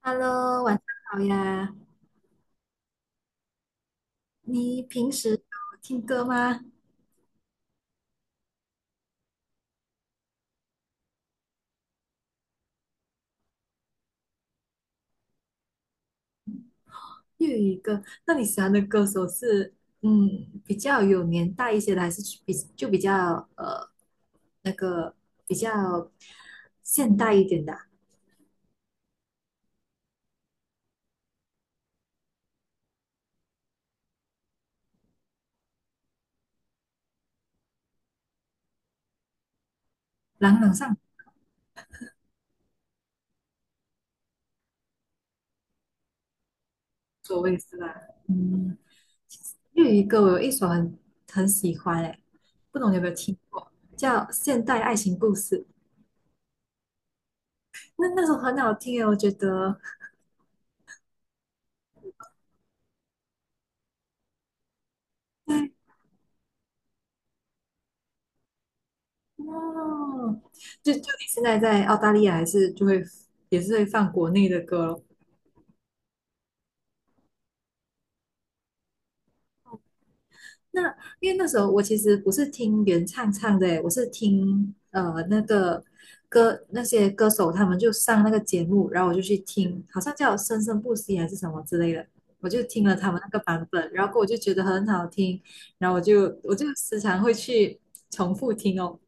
Hello，晚上好呀。你平时有听歌吗？粤语歌？那你喜欢的歌手是比较有年代一些的，还是比就比较呃那个比较现代一点的啊。朗朗上口，所谓是吧？嗯，粤语歌我有一首很喜欢诶，不懂你有没有听过？叫《现代爱情故事》，那首很好听诶，我觉得。哦，就你现在在澳大利亚，还是就会也是会放国内的歌咯。那因为那时候我其实不是听原唱的诶，我是听呃那个歌那些歌手他们就上那个节目，然后我就去听，好像叫《生生不息》还是什么之类的，我就听了他们那个版本，然后过后我就觉得很好听，然后我就时常会去重复听哦。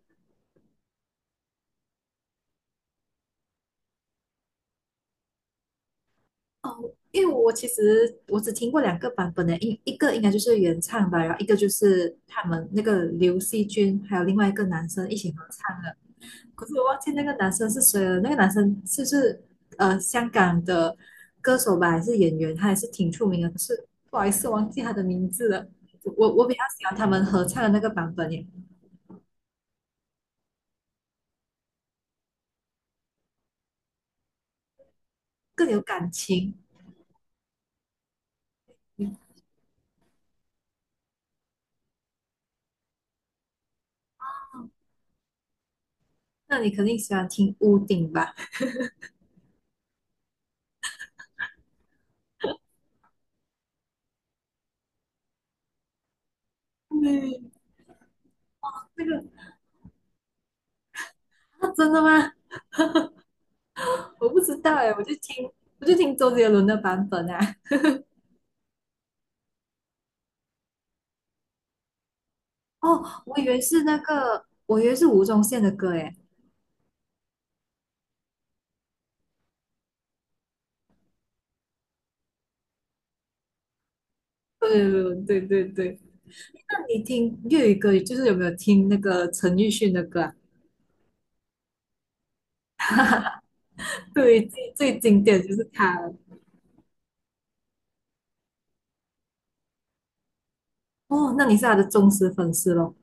哦，因为我其实只听过两个版本的，一个应该就是原唱吧，然后一个就是他们那个刘惜君还有另外一个男生一起合唱的，可是我忘记那个男生是谁了。那个男生是不是香港的歌手吧，还是演员？他还是挺出名的，可是不好意思忘记他的名字了。我比较喜欢他们合唱的那个版本耶，更有感情。那你肯定喜欢听屋顶吧？嗯，那个啊，真的吗？我不知道哎，我就听周杰伦的版本啊。哦，我以为是那个，我以为是吴宗宪的歌哎。周杰伦，对对对。那你听粤语歌，就是有没有听那个陈奕迅的歌啊？对，最最经典就是他。哦，那你是他的忠实粉丝咯。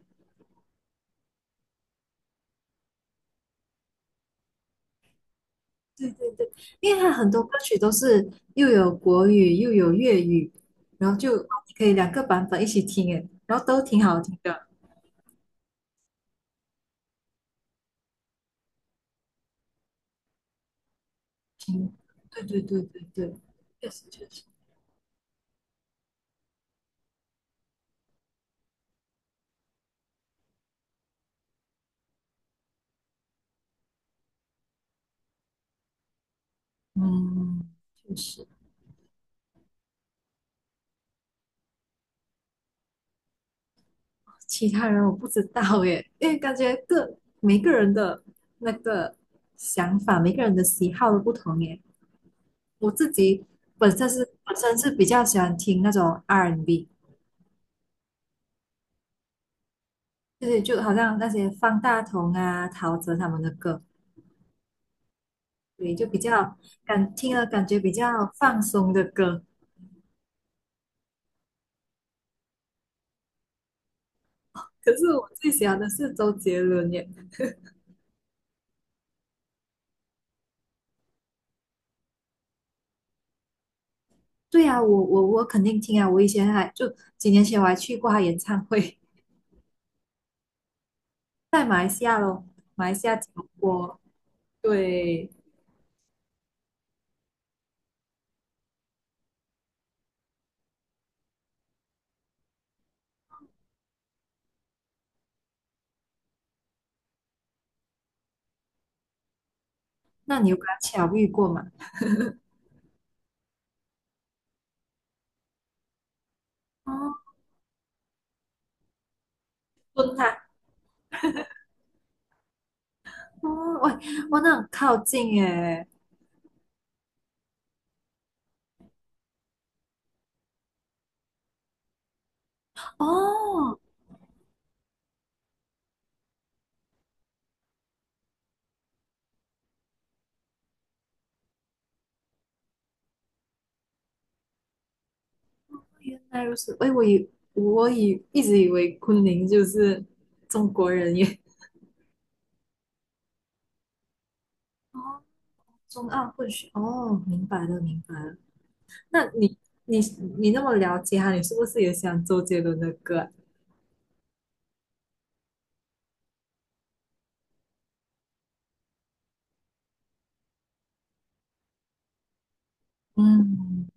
对对对，因为他很多歌曲都是又有国语又有粤语，然后就可以两个版本一起听诶，然后都挺好听的。听，对对对对对，确实确实。嗯，确实，其他人我不知道耶，因为感觉每个人的那个想法，每个人的喜好都不同耶。我自己本身是比较喜欢听那种 R&B，就是就好像那些方大同啊、陶喆他们的歌，对，就比较感听了感觉比较放松的歌。可是我最喜欢的是周杰伦耶。对啊，我肯定听啊，我以前还就几年前我还去过他演唱会。在马来西亚咯，马来西亚吉隆坡。对，那你有跟他巧遇过吗？哦，蹲他，哦，喂，哇，那很靠近耶。哦，原来如此。哎，我一直以为昆凌就是中国人耶。哦，中澳混血。哦，明白了，明白了。那你你那么了解他，你是不是也喜欢周杰伦的歌啊。嗯。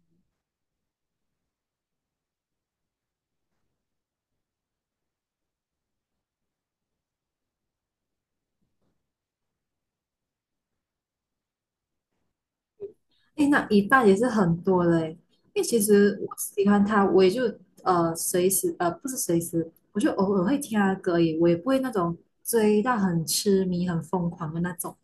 哎，那一半也是很多的哎，因为其实我喜欢他，我也就呃随时呃不是随时，我就偶尔会听他的歌而已，我也不会那种追到很痴迷、很疯狂的那种。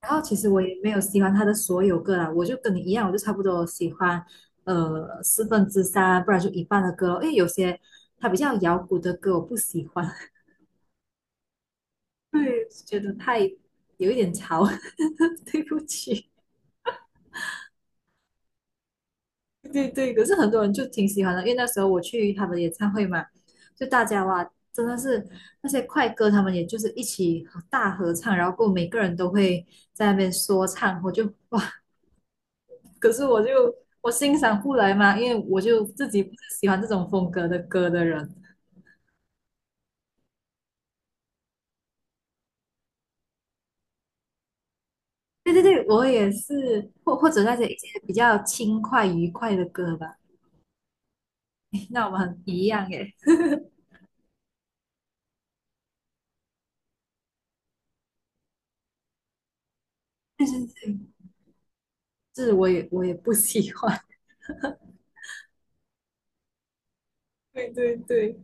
然后其实我也没有喜欢他的所有歌啦，我就跟你一样，我就差不多喜欢四分之三，不然就一半的歌咯，因为有些他比较摇滚的歌我不喜欢，对，觉得有一点潮，对不起。对对，可是很多人就挺喜欢的，因为那时候我去他们演唱会嘛，就大家哇，真的是那些快歌，他们也就是一起合大合唱，然后过后每个人都会在那边说唱，我就哇，可是我欣赏不来嘛，因为我就自己不是喜欢这种风格的歌的人。对对对，我也是，或者那些一些比较轻快愉快的歌吧，那我们很一样诶。对对对，这是我也不喜欢。对对对。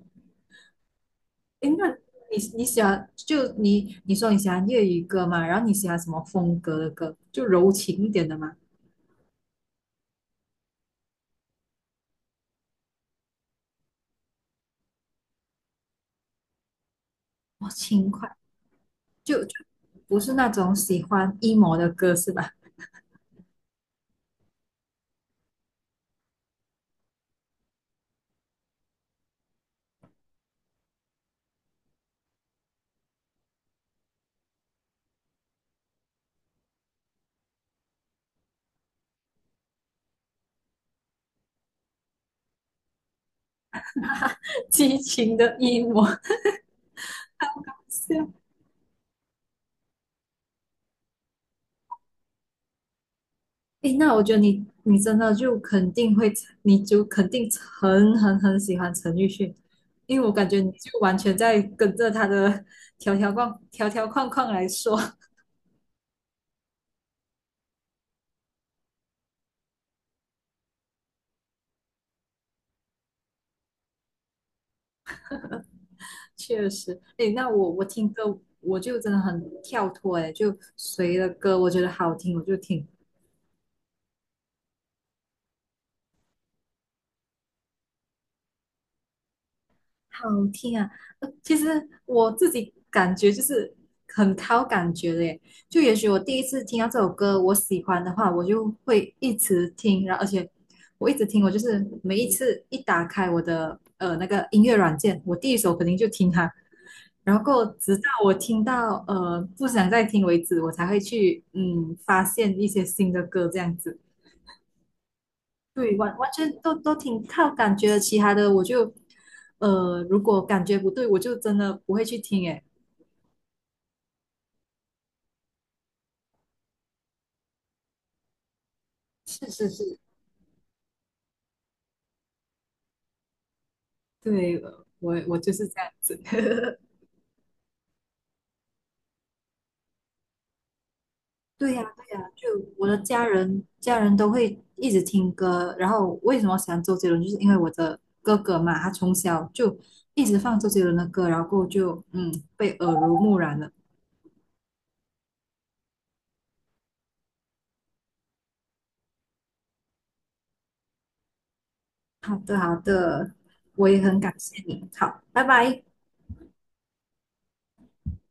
哎，那你说你喜欢粤语歌嘛？然后你喜欢什么风格的歌？就柔情一点的嘛？哦，轻快，就不是那种喜欢 emo 的歌是吧？激情的 emo，是啊。哎，那我觉得你真的就肯定会，你就肯定很喜欢陈奕迅，因为我感觉你就完全在跟着他的条条框框来说。确实，哎，那我听歌，我就真的很跳脱，哎，就谁的歌我觉得好听，我就听，好听啊。其实我自己感觉就是很靠感觉的，耶，就也许我第一次听到这首歌，我喜欢的话，我就会一直听，然后而且我一直听，我就是每一次一打开我的那个音乐软件，我第一首肯定就听它，然后直到我听到不想再听为止，我才会去发现一些新的歌这样子。对，完完全都都挺靠感觉的，其他的我就如果感觉不对，我就真的不会去听。诶，是是是，对，我就是这样子。对呀，对呀，就我的家人都会一直听歌。然后为什么喜欢周杰伦，就是因为我的哥哥嘛，他从小就一直放周杰伦的歌，然后过后就被耳濡目染了。好的，好的，我也很感谢你。好，拜拜。